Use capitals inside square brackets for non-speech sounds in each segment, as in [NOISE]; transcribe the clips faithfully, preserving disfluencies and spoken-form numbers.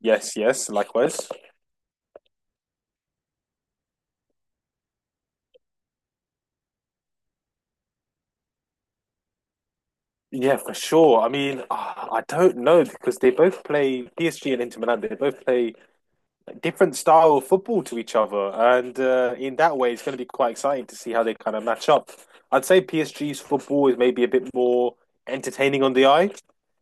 Yes, yes, likewise. Yeah, for sure. I mean, ah, I don't know because they both play P S G and Inter Milan. They both play different style of football to each other, and uh, in that way, it's going to be quite exciting to see how they kind of match up. I'd say P S G's football is maybe a bit more entertaining on the eye.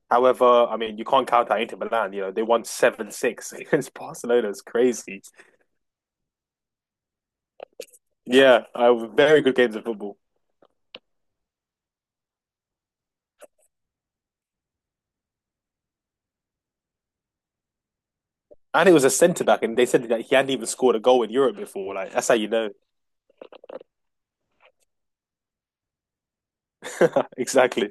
However, I mean, you can't count out Inter Milan. You know, they won seven six [LAUGHS] against Barcelona. It's crazy. Yeah, uh, very good games of football. And it was a centre back, and they said that he hadn't even scored a goal in Europe before. Like, that's how you know. [LAUGHS] Exactly.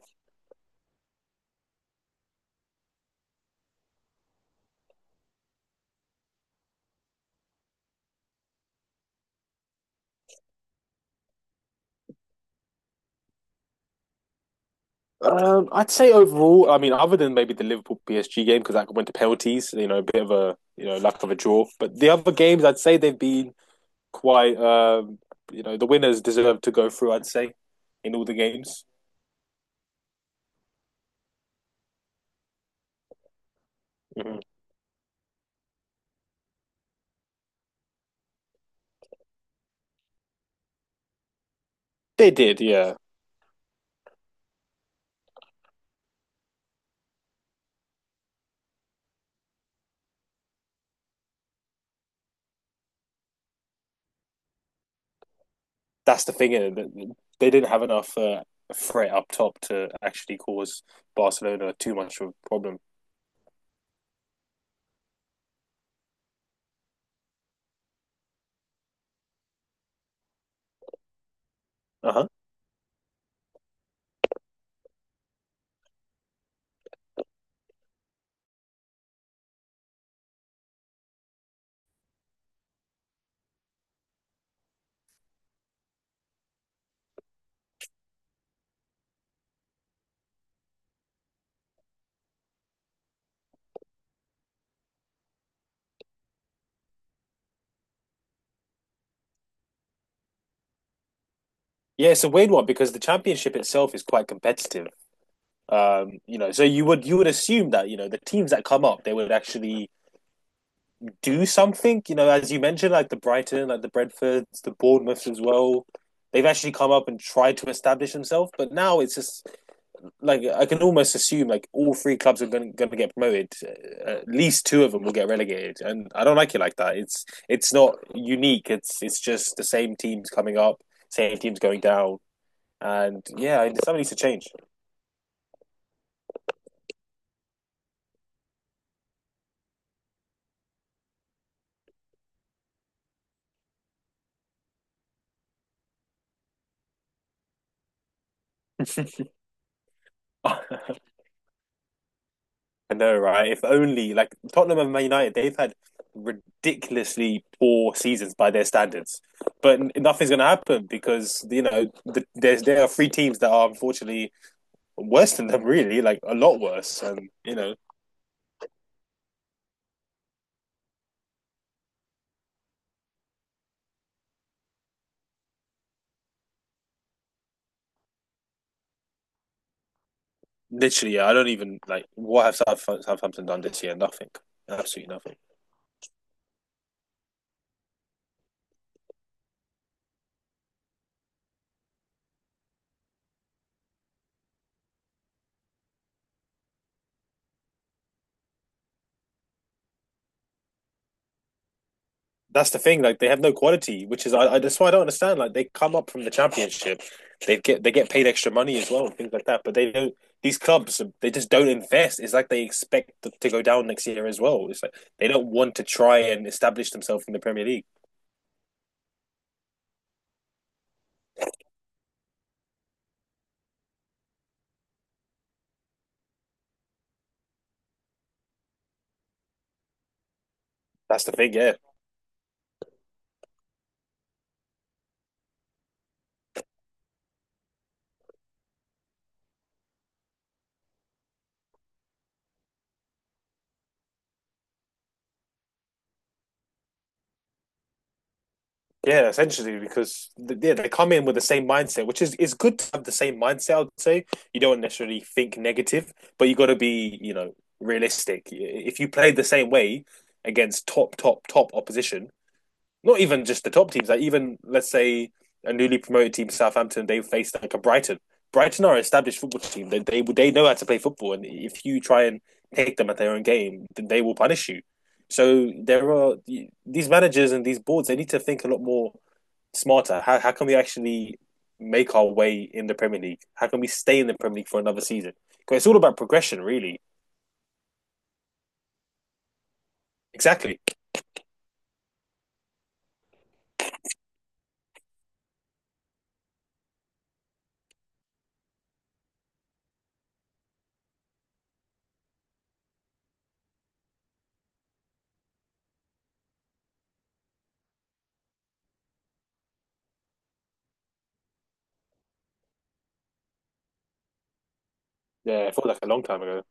Um, I'd say overall, I mean, other than maybe the Liverpool P S G game because that went to penalties, you know, a bit of a you know lack of a draw. But the other games, I'd say they've been quite, um, you know, the winners deserve to go through. I'd say in all the games. Mhm. They did, yeah. That's the thing, isn't it? They didn't have enough uh, threat up top to actually cause Barcelona too much of a problem. Uh huh. Yeah, it's a weird one because the championship itself is quite competitive. Um, you know, so you would you would assume that you know the teams that come up, they would actually do something. You know, as you mentioned, like the Brighton, like the Brentfords, the Bournemouths as well. They've actually come up and tried to establish themselves, but now it's just like I can almost assume like all three clubs are going to get promoted. Uh, At least two of them will get relegated, and I don't like it like that. It's it's not unique. It's it's just the same teams coming up, same teams going down, and yeah, I- something needs to change. [LAUGHS] I know, right? If only like Tottenham and Man United, they've had ridiculously poor seasons by their standards, but n- nothing's going to happen because you know the, there's there are three teams that are unfortunately worse than them, really, like a lot worse. And you know, literally, yeah, I don't even like what have South, Southampton done this year? Nothing, absolutely nothing. That's the thing. Like they have no quality, which is I, I that's why I don't understand. Like they come up from the championship, they get they get paid extra money as well and things like that. But they don't. These clubs, they just don't invest. It's like they expect to go down next year as well. It's like they don't want to try and establish themselves in the Premier League. That's the thing. Yeah, yeah. Essentially, because yeah, they come in with the same mindset, which is is good to have the same mindset. I'd say you don't necessarily think negative, but you got to be, you know, realistic. If you play the same way against top top top opposition, not even just the top teams, like even let's say a newly promoted team, Southampton, they face like a Brighton. Brighton are an established football team. They they they know how to play football, and if you try and take them at their own game, then they will punish you. So there are these managers and these boards. They need to think a lot more smarter. How how can we actually make our way in the Premier League? How can we stay in the Premier League for another season? Because it's all about progression, really. Exactly. Yeah, I felt like a long time ago.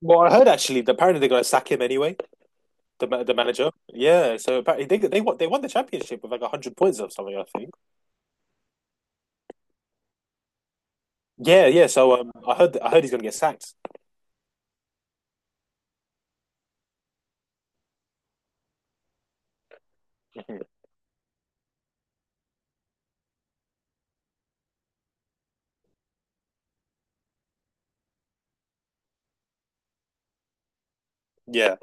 Well, I heard actually that apparently they're going to sack him anyway. The ma- the manager, yeah. So apparently they they won they won the championship with like hundred points or something, I think. Yeah, yeah. So um, I heard I heard he's gonna get sacked. [LAUGHS] Yeah.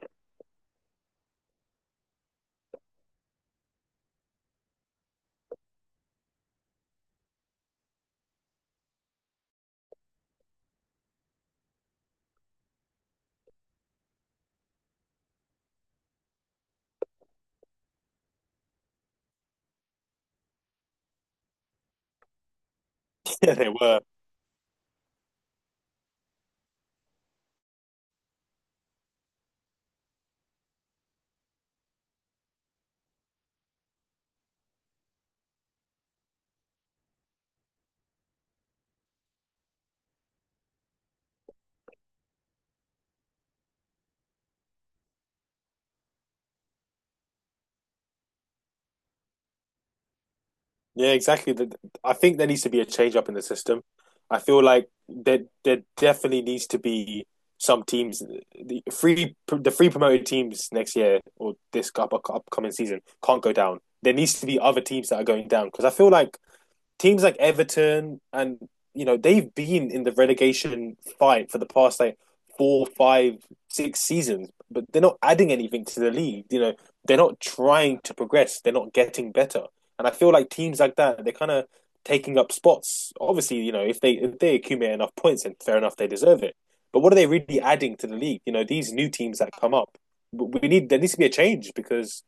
[LAUGHS] Yeah, they were. Yeah, exactly. The- I think there needs to be a change up in the system. I feel like there there definitely needs to be some teams, the free the free promoted teams next year or this up, upcoming season, can't go down. There needs to be other teams that are going down because I feel like teams like Everton and, you know, they've been in the relegation fight for the past like four, five, six seasons, but they're not adding anything to the league. You know, they're not trying to progress. They're not getting better. And I feel like teams like that, they're kind of taking up spots. Obviously, you know, if they if they accumulate enough points, then fair enough, they deserve it. But what are they really adding to the league? You know, these new teams that come up, we need, there needs to be a change because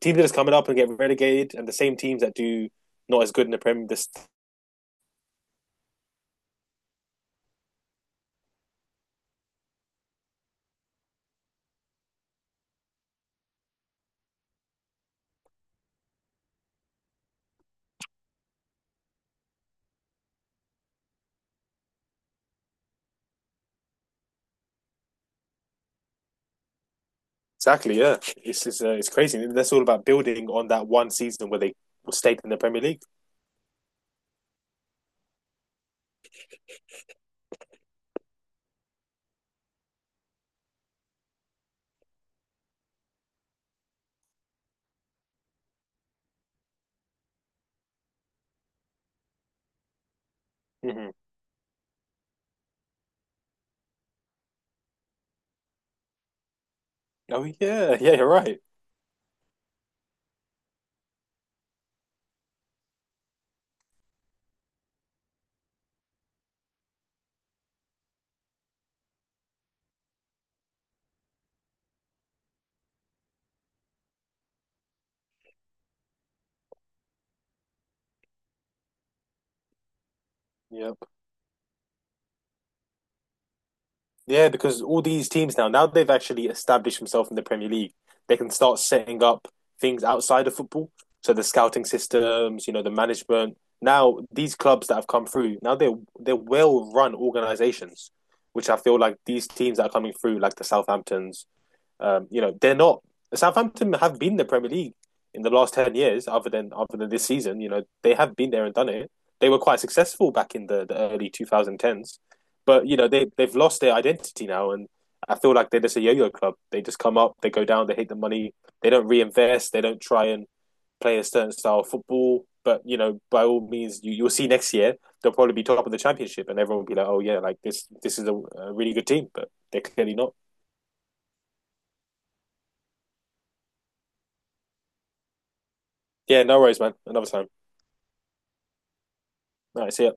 teams that are coming up and get relegated, and the same teams that do not as good in the Premier, the exactly, yeah. It's just, uh, it's crazy. And that's all about building on that one season where they stayed in the Premier League. Hmm. Oh yeah, yeah, you're right. Yep. Yeah, because all these teams now, now they've actually established themselves in the Premier League, they can start setting up things outside of football. So the scouting systems, you know, the management. Now these clubs that have come through, now they're they're well run organizations, which I feel like these teams that are coming through, like the Southamptons. Um, you know, they're not, Southampton have been the Premier League in the last ten years, other than other than this season. You know, they have been there and done it. They were quite successful back in the, the early two thousand tens, but you know they they've lost their identity now, and I feel like they're just a yo-yo club. They just come up, they go down, they hit the money, they don't reinvest, they don't try and play a certain style of football. But you know, by all means, you, you'll see next year they'll probably be top of the championship, and everyone will be like, "Oh yeah, like this this is a, a really good team," but they're clearly not. Yeah, no worries, man. Another time. Nice. Yeah.